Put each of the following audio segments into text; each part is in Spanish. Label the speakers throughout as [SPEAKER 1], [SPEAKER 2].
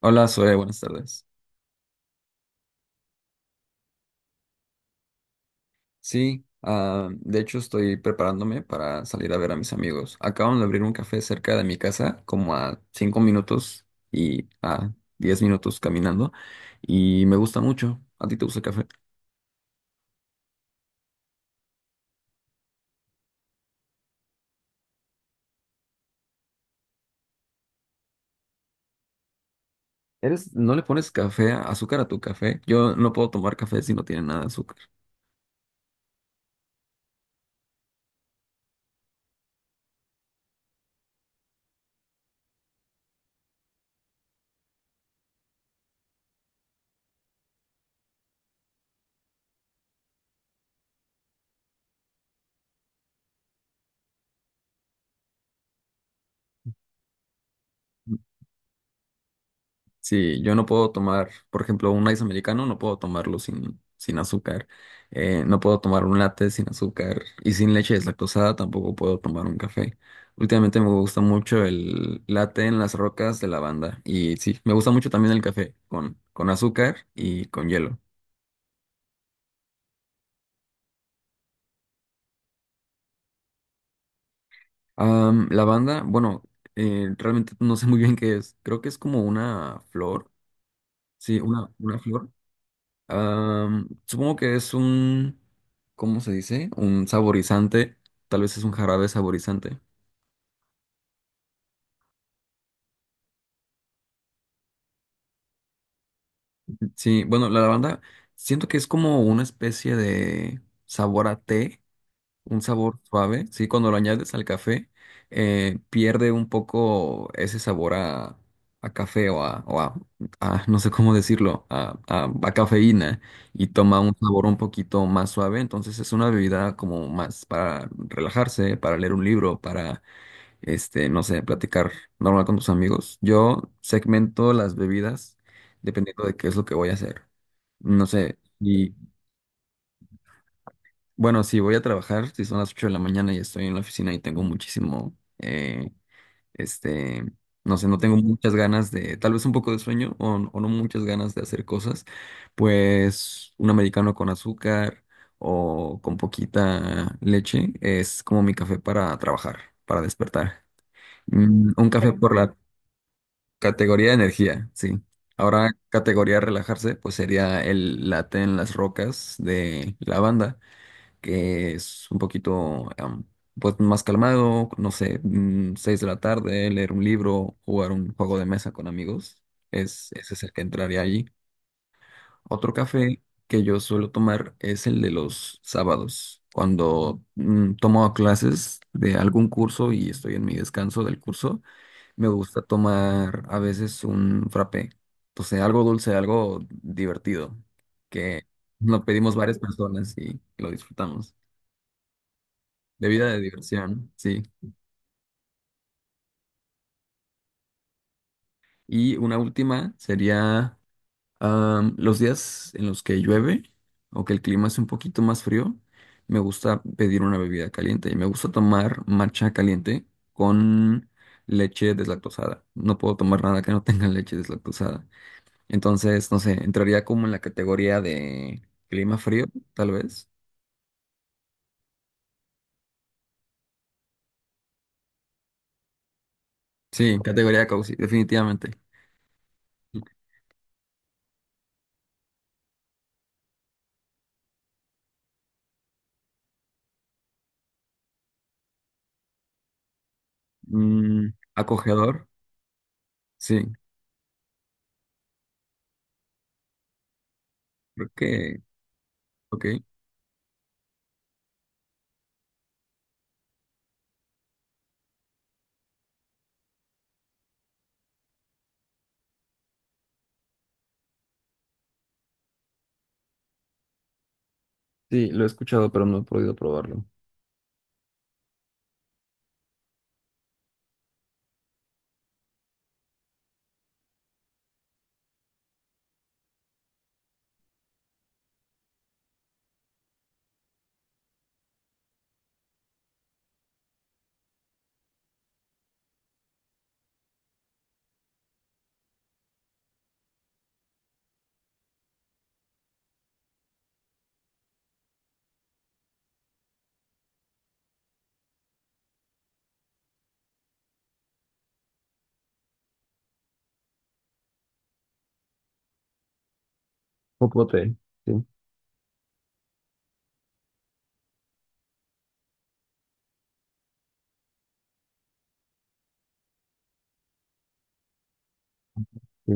[SPEAKER 1] Hola, Zoe, buenas tardes. Sí, de hecho estoy preparándome para salir a ver a mis amigos. Acaban de abrir un café cerca de mi casa, como a 5 minutos y a 10 minutos caminando, y me gusta mucho. ¿A ti te gusta el café? ¿Eres, no le pones café, azúcar a tu café? Yo no puedo tomar café si no tiene nada de azúcar. Sí, yo no puedo tomar, por ejemplo, un ice americano, no puedo tomarlo sin azúcar. No puedo tomar un latte sin azúcar y sin leche deslactosada, tampoco puedo tomar un café. Últimamente me gusta mucho el latte en las rocas de lavanda y sí, me gusta mucho también el café con azúcar y con hielo. Lavanda, bueno, realmente no sé muy bien qué es. Creo que es como una flor. Sí, una flor. Supongo que es un, ¿cómo se dice? Un saborizante, tal vez es un jarabe saborizante. Sí, bueno, la lavanda siento que es como una especie de sabor a té, un sabor suave, sí, cuando lo añades al café, pierde un poco ese sabor a café no sé cómo decirlo, a cafeína y toma un sabor un poquito más suave, entonces es una bebida como más para relajarse, para leer un libro, para no sé, platicar normal con tus amigos. Yo segmento las bebidas dependiendo de qué es lo que voy a hacer. No sé, y bueno, si voy a trabajar, si son las 8 de la mañana y estoy en la oficina y tengo muchísimo, este, no sé, no tengo muchas ganas de, tal vez un poco de sueño o no muchas ganas de hacer cosas, pues un americano con azúcar o con poquita leche es como mi café para trabajar, para despertar. Mm, Un café por la Categoría de energía, sí. Ahora, categoría de relajarse, pues sería el late en las rocas de la banda, que es un poquito pues más calmado, no sé, 6 de la tarde, leer un libro, jugar un juego de mesa con amigos. Ese es el que entraría allí. Otro café que yo suelo tomar es el de los sábados, cuando tomo clases de algún curso y estoy en mi descanso del curso. Me gusta tomar a veces un frappé. Entonces, algo dulce, algo divertido, que lo pedimos varias personas y lo disfrutamos. Bebida de diversión, sí. Y una última sería los días en los que llueve o que el clima es un poquito más frío. Me gusta pedir una bebida caliente y me gusta tomar matcha caliente con leche deslactosada. No puedo tomar nada que no tenga leche deslactosada. Entonces, no sé, entraría como en la categoría de clima frío, tal vez. Sí, categoría cozy, definitivamente. Mm, Acogedor, sí, creo que, ok. Sí, lo he escuchado, pero no he podido probarlo. Popote, sí. Sí.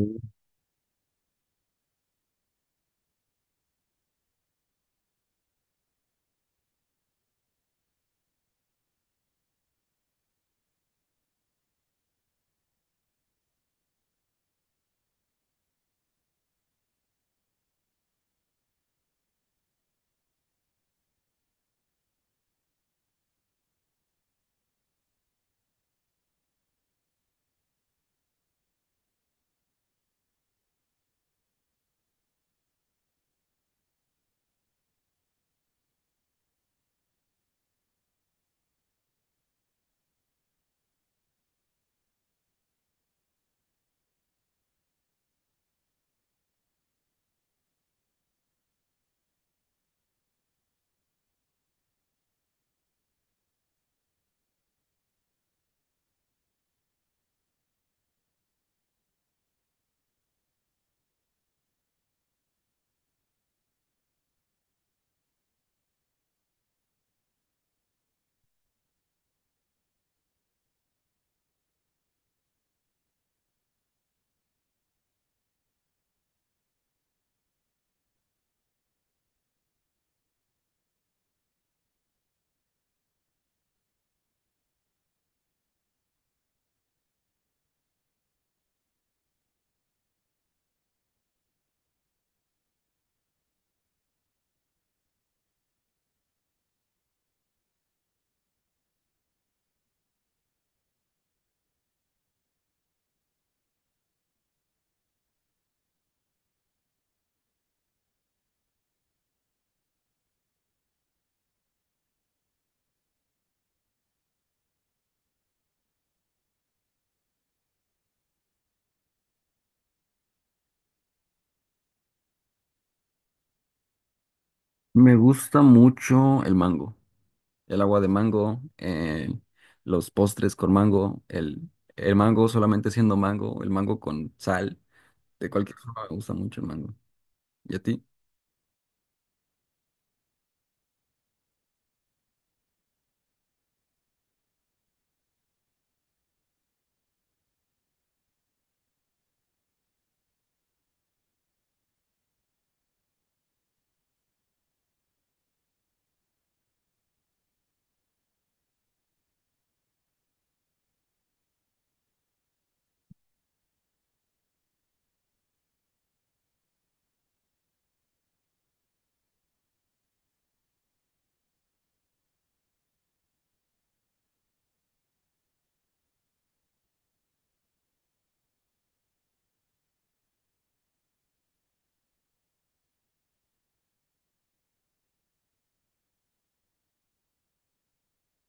[SPEAKER 1] Me gusta mucho el mango, el agua de mango, los postres con mango, el mango solamente siendo mango, el mango con sal, de cualquier forma me gusta mucho el mango. ¿Y a ti?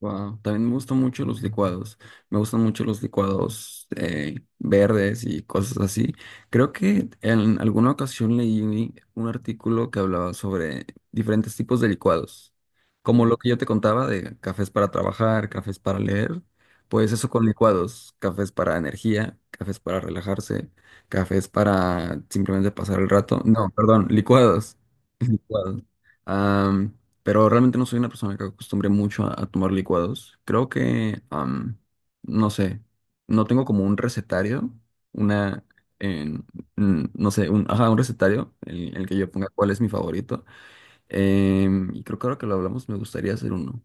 [SPEAKER 1] Wow. También me gustan mucho los licuados. Me gustan mucho los licuados verdes y cosas así. Creo que en alguna ocasión leí un artículo que hablaba sobre diferentes tipos de licuados. Como lo que yo te contaba de cafés para trabajar, cafés para leer. Pues eso con licuados. Cafés para energía, cafés para relajarse, cafés para simplemente pasar el rato. No, perdón, licuados. Licuados. Pero realmente no soy una persona que acostumbre mucho a tomar licuados. Creo que, no sé, no tengo como un recetario, una, en- no sé, ajá, un recetario en el que yo ponga cuál es mi favorito. Y creo que ahora que lo hablamos me gustaría hacer uno.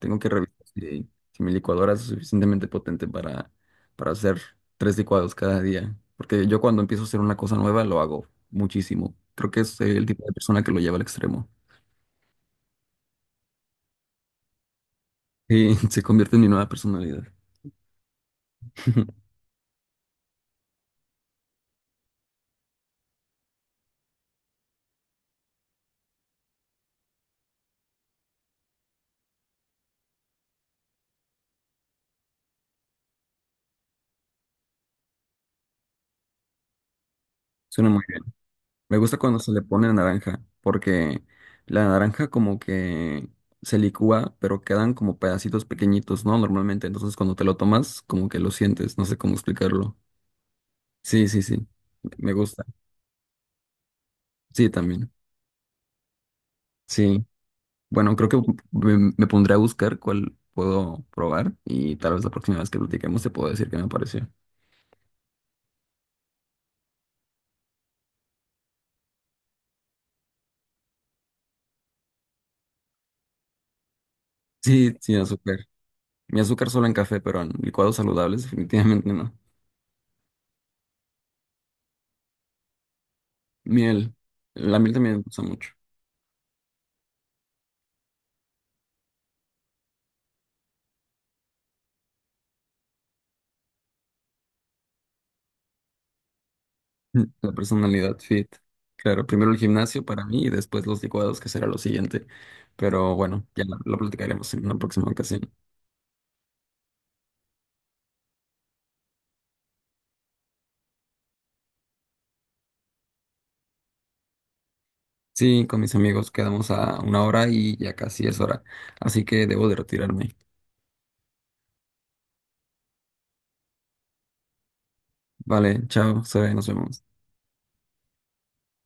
[SPEAKER 1] Tengo que revisar si mi licuadora es suficientemente potente para, hacer tres licuados cada día. Porque yo cuando empiezo a hacer una cosa nueva lo hago muchísimo. Creo que soy el tipo de persona que lo lleva al extremo. Sí, se convierte en mi nueva personalidad. Suena muy bien. Me gusta cuando se le pone naranja, porque la naranja como que se licúa, pero quedan como pedacitos pequeñitos, ¿no? Normalmente, entonces cuando te lo tomas, como que lo sientes, no sé cómo explicarlo. Sí, sí, sí, me gusta. Sí, también. Sí. Bueno, creo que me pondré a buscar cuál puedo probar y tal vez la próxima vez que platiquemos te puedo decir qué me pareció. Sí, sin azúcar. Mi azúcar solo en café, pero en licuados saludables definitivamente no. Miel. La miel también me gusta mucho. Mm. La personalidad fit. Claro, primero el gimnasio para mí y después los licuados, que será lo siguiente. Pero bueno, ya lo platicaremos en una próxima ocasión. Sí, con mis amigos quedamos a una hora y ya casi es hora. Así que debo de retirarme. Vale, chao, Zoe, nos vemos.